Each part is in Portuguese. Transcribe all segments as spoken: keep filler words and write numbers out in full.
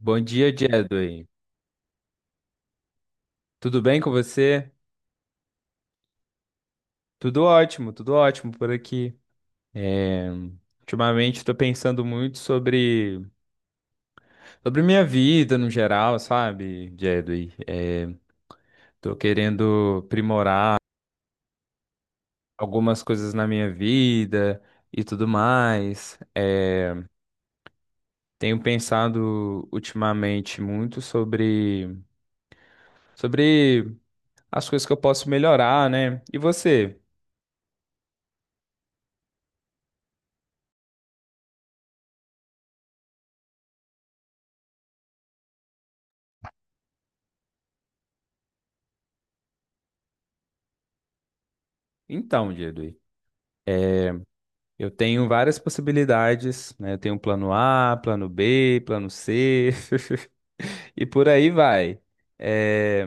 Bom dia, Jedway. Tudo bem com você? Tudo ótimo, tudo ótimo por aqui. É, ultimamente estou pensando muito sobre sobre minha vida no geral, sabe, Jedway? Estou querendo aprimorar algumas coisas na minha vida e tudo mais. É, tenho pensado ultimamente muito sobre sobre as coisas que eu posso melhorar, né? E você? Então, Jedway. Eu tenho várias possibilidades, né? Eu tenho plano A, plano B, plano C, e por aí vai. Eh,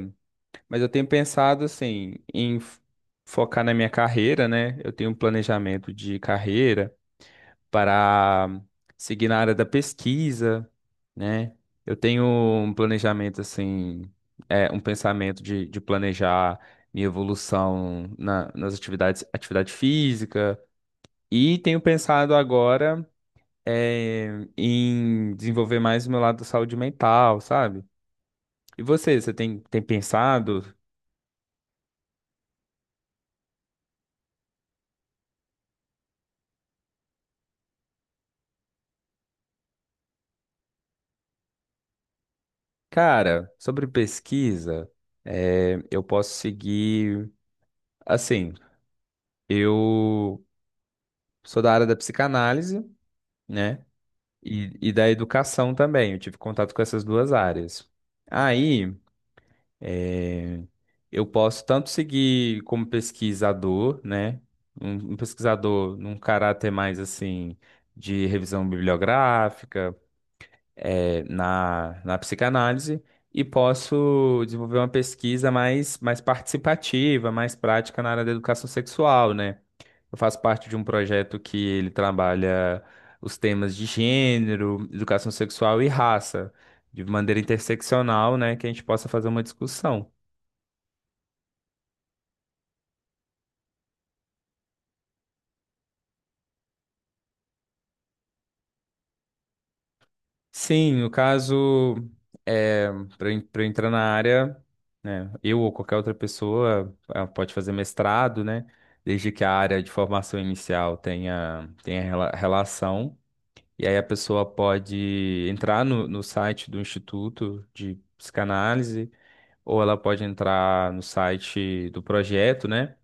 Mas eu tenho pensado, assim, em f- focar na minha carreira, né? Eu tenho um planejamento de carreira para seguir na área da pesquisa, né? Eu tenho um planejamento, assim, é, um pensamento de, de planejar minha evolução na- nas atividades, atividade física. E tenho pensado agora é, em desenvolver mais o meu lado da saúde mental, sabe? E você, você tem, tem pensado? Cara, sobre pesquisa, é, eu posso seguir. Assim, eu sou da área da psicanálise, né? E, e da educação também. Eu tive contato com essas duas áreas. Aí, é, eu posso tanto seguir como pesquisador, né? Um, um pesquisador num caráter mais assim de revisão bibliográfica é, na, na psicanálise e posso desenvolver uma pesquisa mais, mais participativa, mais prática na área da educação sexual, né? Eu faço parte de um projeto que ele trabalha os temas de gênero, educação sexual e raça, de maneira interseccional, né? Que a gente possa fazer uma discussão. Sim, no caso, é, para entrar na área, né, eu ou qualquer outra pessoa ah, pode fazer mestrado, né? Desde que a área de formação inicial tenha, tenha rela- relação. E aí a pessoa pode entrar no, no site do Instituto de Psicanálise, ou ela pode entrar no site do projeto, né?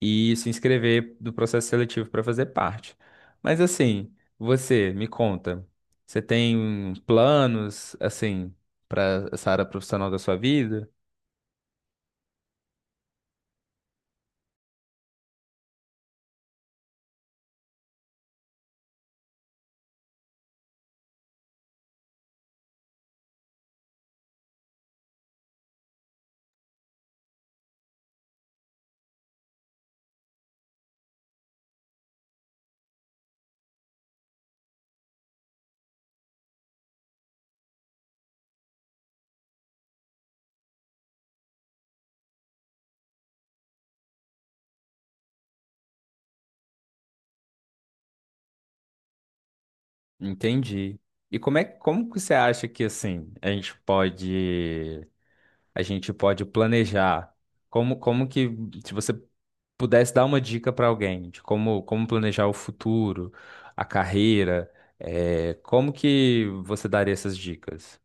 E se inscrever do processo seletivo para fazer parte. Mas assim, você me conta, você tem um planos assim para essa área profissional da sua vida? Entendi. E como é como que você acha que assim a gente pode a gente pode planejar? Como como que se você pudesse dar uma dica para alguém de como como planejar o futuro, a carreira, eh, como que você daria essas dicas?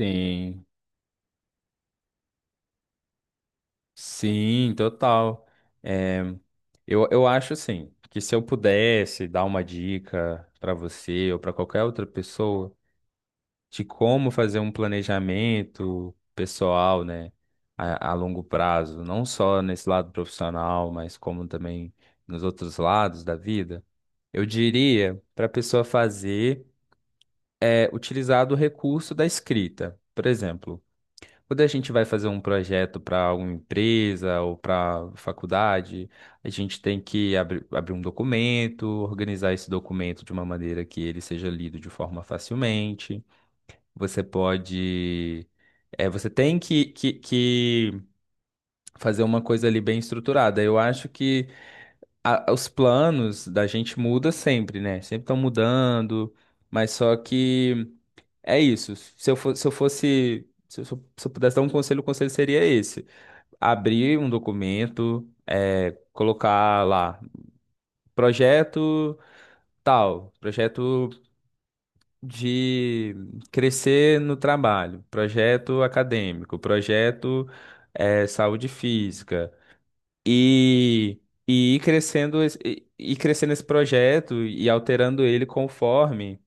Sim. Sim, total. É, eu, eu acho assim, que se eu pudesse dar uma dica para você ou para qualquer outra pessoa de como fazer um planejamento pessoal, né, a, a longo prazo, não só nesse lado profissional, mas como também nos outros lados da vida, eu diria para a pessoa fazer é, utilizar do recurso da escrita. Por exemplo, quando a gente vai fazer um projeto para alguma empresa ou para faculdade, a gente tem que abrir, abrir um documento, organizar esse documento de uma maneira que ele seja lido de forma facilmente. Você pode. É, você tem que, que, que fazer uma coisa ali bem estruturada. Eu acho que a- os planos da gente muda sempre, né? Sempre estão mudando, mas só que. É isso. Se eu fo- se eu fosse, se eu, sou- Se eu pudesse dar um conselho, o conselho seria esse: abrir um documento, é, colocar lá projeto tal, projeto de crescer no trabalho, projeto acadêmico, projeto é, saúde física e e ir crescendo, esse- e e ir crescendo esse projeto e alterando ele conforme.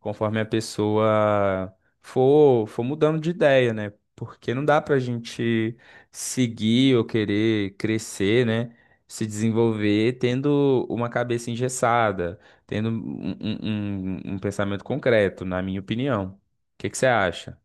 conforme a pessoa for, for mudando de ideia, né? Porque não dá pra gente seguir ou querer crescer, né? Se desenvolver tendo uma cabeça engessada, tendo um, um, um- um pensamento concreto, na minha opinião. O que que você acha?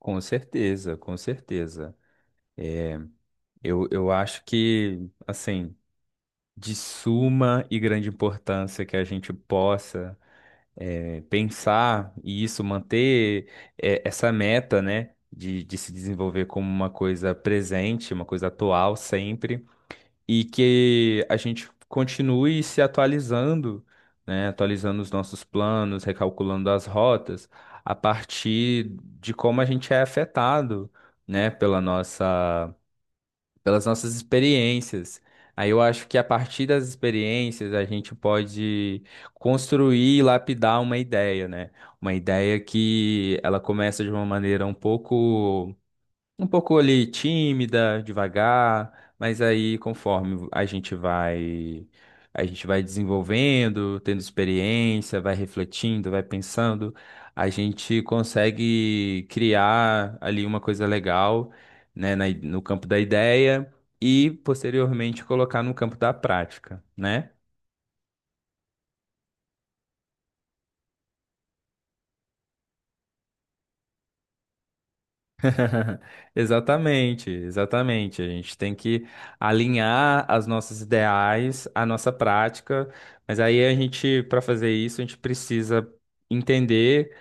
Com certeza, com certeza. Eu, eu acho que, assim, de suma e grande importância que a gente possa. é, pensar e isso manter é, essa meta, né, de, de se desenvolver como uma coisa presente, uma coisa atual sempre, e que a gente continue se atualizando, né, atualizando os nossos planos, recalculando as rotas, a partir de como a gente é afetado, né, pela nossa pelas nossas experiências. Aí eu acho que a partir das experiências a gente pode construir e lapidar uma ideia, né? Uma ideia que ela começa de uma maneira um pouco um pouco ali tímida, devagar, mas aí conforme a gente vai a gente vai desenvolvendo, tendo experiência, vai refletindo, vai pensando, a gente consegue criar ali uma coisa legal, né, na i- no campo da ideia e posteriormente colocar no campo da prática, né? Exatamente, exatamente. A gente tem que alinhar as nossas ideais, a nossa prática, mas aí a gente, para fazer isso, a gente precisa entender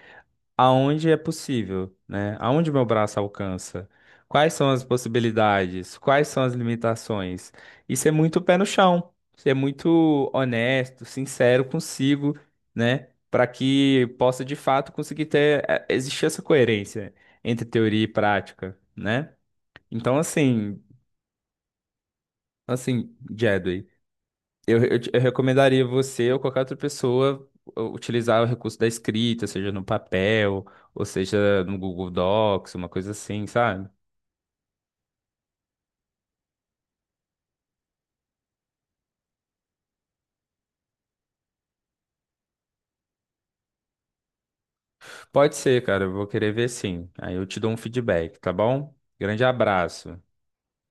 aonde é possível, né? Aonde meu braço alcança? Quais são as possibilidades? Quais são as limitações? E ser muito pé no chão, ser muito honesto, sincero consigo, né? Para que possa de fato conseguir ter eh, existir essa coerência entre teoria e prática, né? Então assim, assim, Jedway. Eu, eu, te- eu recomendaria você ou qualquer outra pessoa u- utilizar o recurso da escrita, seja no papel, ou seja no Google Docs, uma coisa assim, sabe? Pode ser, cara, eu vou querer ver sim. Aí eu te dou um feedback, tá bom? Grande abraço.